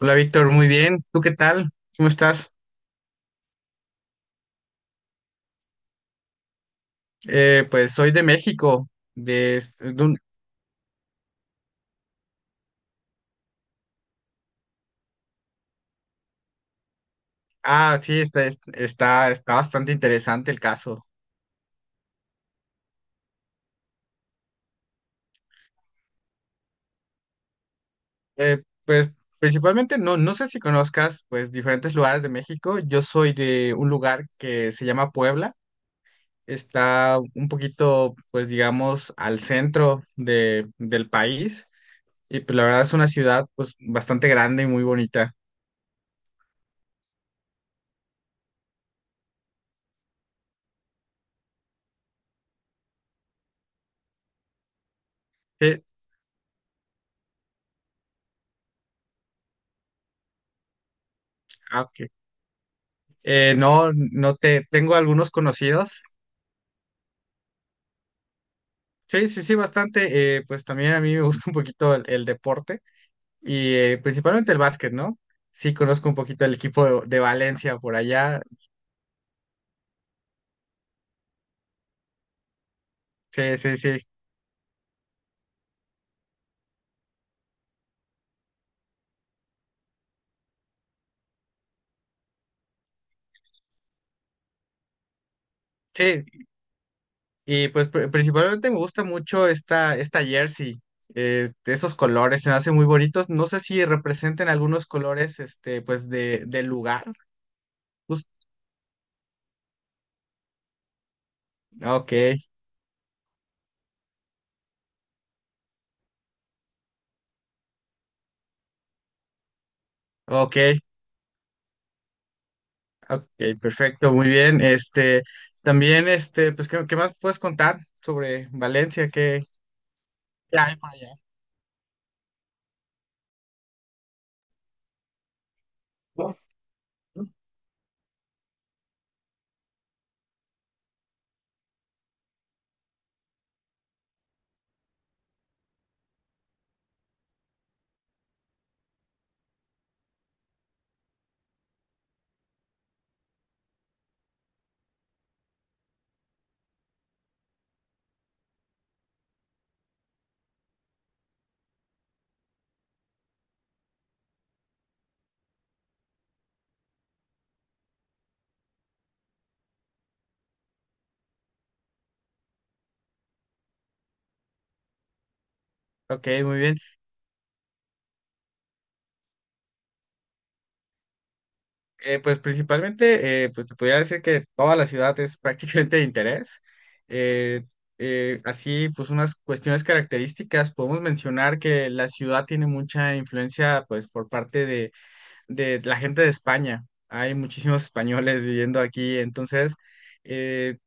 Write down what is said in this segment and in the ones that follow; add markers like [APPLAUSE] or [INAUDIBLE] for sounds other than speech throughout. Hola Víctor, muy bien. ¿Tú qué tal? ¿Cómo estás? Pues soy de México. De, es- de un- Ah, sí, está bastante interesante el caso. Pues principalmente, no, no sé si conozcas pues diferentes lugares de México. Yo soy de un lugar que se llama Puebla. Está un poquito, pues digamos, al centro del país. Y pues la verdad es una ciudad pues bastante grande y muy bonita. Sí, ah, ok. No te tengo algunos conocidos. Sí, sí, sí, bastante. Pues también a mí me gusta un poquito el deporte y principalmente el básquet, ¿no? Sí, conozco un poquito el equipo de Valencia por allá. Sí, sí, sí. Sí, y pues principalmente me gusta mucho esta jersey. Esos colores se me hacen muy bonitos. No sé si representen algunos colores, este, pues del lugar. Jus- ok, ok, ok, perfecto, muy bien. Este, también, este, pues, ¿qué más puedes contar sobre Valencia? Ya, ahí por allá. Ok, muy bien. Pues principalmente, pues te podría decir que toda la ciudad es prácticamente de interés. Eh, Así, pues unas cuestiones características, podemos mencionar que la ciudad tiene mucha influencia, pues por parte de la gente de España. Hay muchísimos españoles viviendo aquí, entonces, eh,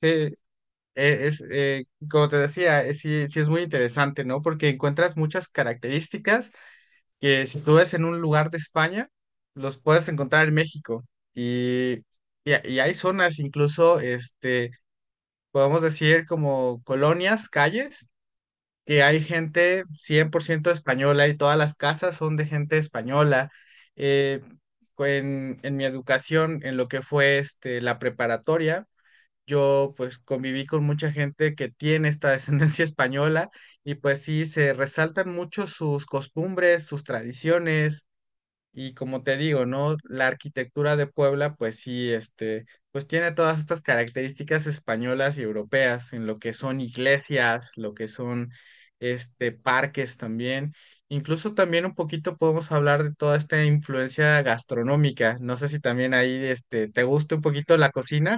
eh, eh, es, eh, como te decía, sí, sí es muy interesante, ¿no? Porque encuentras muchas características que si tú ves en un lugar de España, los puedes encontrar en México. Y, y hay zonas, incluso, este, podemos decir como colonias, calles, que hay gente 100% española y todas las casas son de gente española. Eh, en mi educación, en lo que fue este, la preparatoria, yo pues conviví con mucha gente que tiene esta [LAUGHS] descendencia española y pues sí, se resaltan mucho sus costumbres, sus tradiciones y como te digo, ¿no? La arquitectura de Puebla pues sí, este, pues tiene todas estas características españolas y europeas en lo que son iglesias, lo que son este parques también. Incluso también un poquito podemos hablar de toda esta influencia gastronómica. No sé si también ahí este te gusta un poquito la cocina.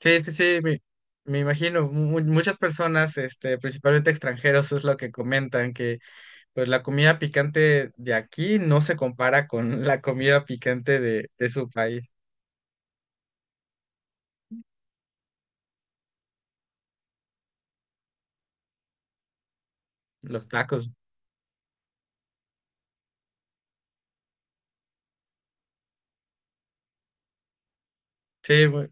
Sí, sí, sí, me imagino, muchas personas, este, principalmente extranjeros, es lo que comentan, que pues la comida picante de aquí no se compara con la comida picante de su país, los tacos. Sí, bu-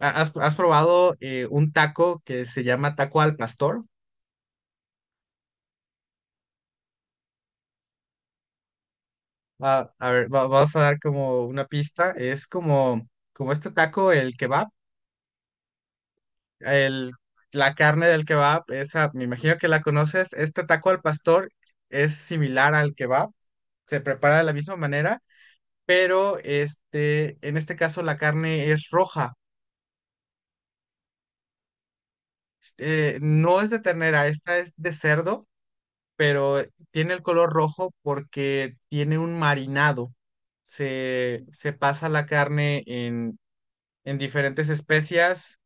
¿ha- ¿has, has probado un taco que se llama taco al pastor? Ah, a ver, vamos a dar como una pista, es como este taco, el kebab, el, la carne del kebab, esa, me imagino que la conoces, este taco al pastor es similar al kebab, se prepara de la misma manera, pero este, en este caso la carne es roja. No es de ternera, esta es de cerdo, pero tiene el color rojo porque tiene un marinado. Se pasa la carne en diferentes especias,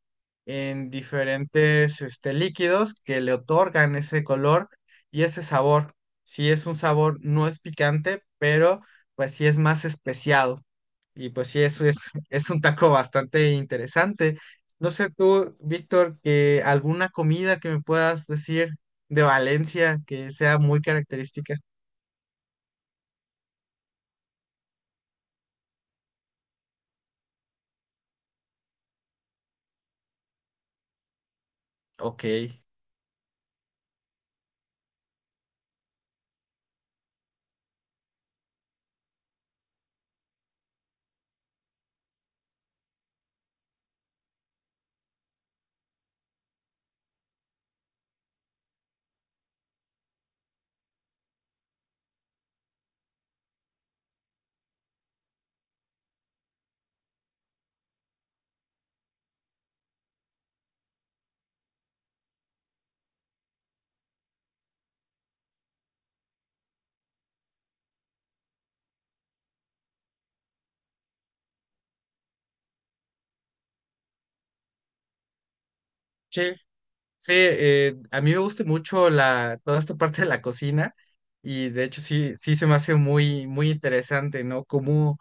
en diferentes este, líquidos que le otorgan ese color y ese sabor. Si es un sabor, no es picante, pero pues sí es más especiado. Y pues sí, eso es, [LAUGHS] es un taco bastante interesante. No sé tú, Víctor, que alguna comida que me puedas decir de Valencia que sea muy característica. Ok. Sí, sí, a mí me gusta mucho toda esta parte de la cocina y de hecho sí, sí se me hace muy, muy interesante, ¿no? Cómo,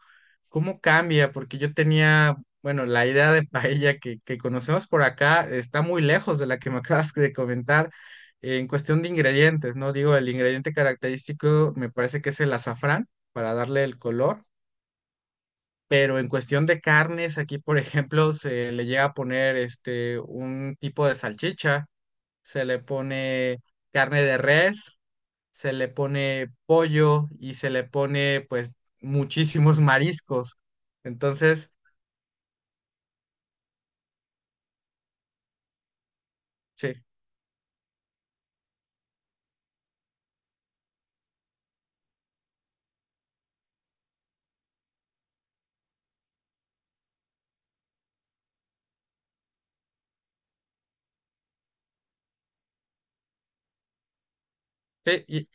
cómo cambia, porque yo tenía, bueno, la idea de paella que conocemos por acá está muy lejos de la que me [LAUGHS] acabas de comentar en cuestión de ingredientes, ¿no? Digo, el ingrediente característico me parece que es el azafrán para darle el color, pero en cuestión de carnes, aquí, por ejemplo, se le llega a poner este, un tipo de salchicha, se le pone carne de res, se le pone pollo y se le pone pues muchísimos mariscos. Entonces, sí, sí, y,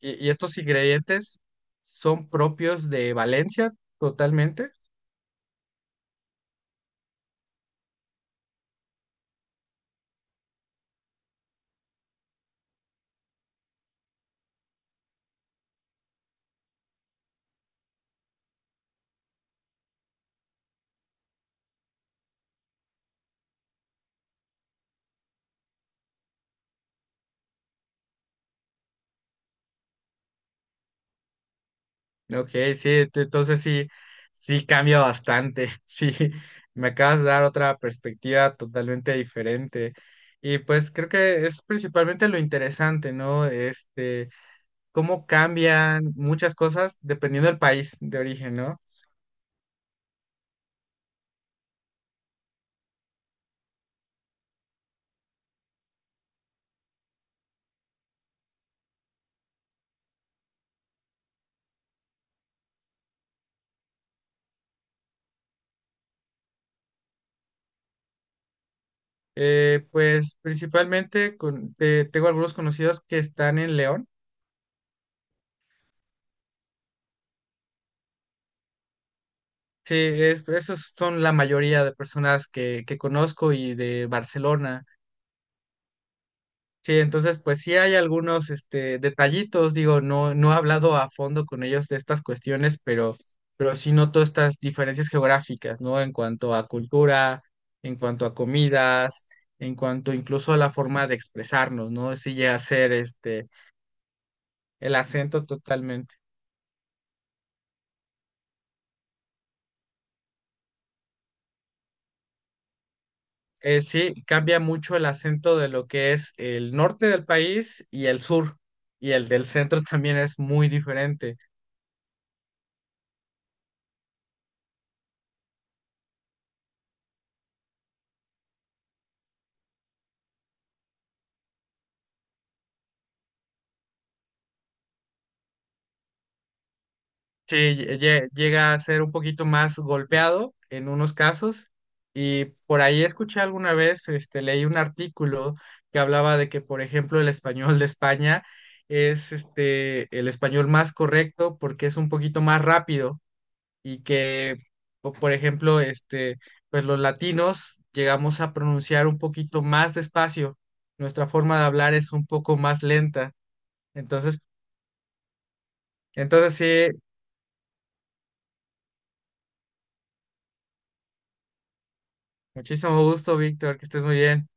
y- y estos ingredientes son propios de Valencia totalmente. Ok, sí, entonces sí, sí cambia bastante. [LAUGHS] Sí, me acabas de dar otra perspectiva totalmente diferente. Y pues creo que es principalmente lo interesante, ¿no? Este, cómo cambian muchas cosas dependiendo del país de origen, ¿no? Pues principalmente tengo algunos conocidos que están en León. Sí, esos son la mayoría de personas que conozco y de Barcelona. Sí, entonces pues sí hay algunos este, detallitos, digo, no, no he hablado a fondo con ellos de estas cuestiones, pero sí noto estas diferencias geográficas, ¿no? En cuanto a cultura, en cuanto a comidas, en cuanto incluso a la forma de expresarnos, ¿no? Sí llega a ser este, el acento totalmente. Sí, cambia mucho el acento de lo que es el norte del país y el sur, y el del centro [LAUGHS] también es muy diferente. Sí, llega a ser un poquito más golpeado en unos casos y por ahí escuché alguna vez, este, leí un artículo que hablaba de que, por ejemplo, el español de España es este, el español más correcto porque es un poquito más rápido y que, por ejemplo, este, pues los latinos llegamos a pronunciar un poquito más despacio, nuestra forma de hablar es un poco más lenta. Entonces, entonces sí, muchísimo gusto, Víctor, que estés muy bien.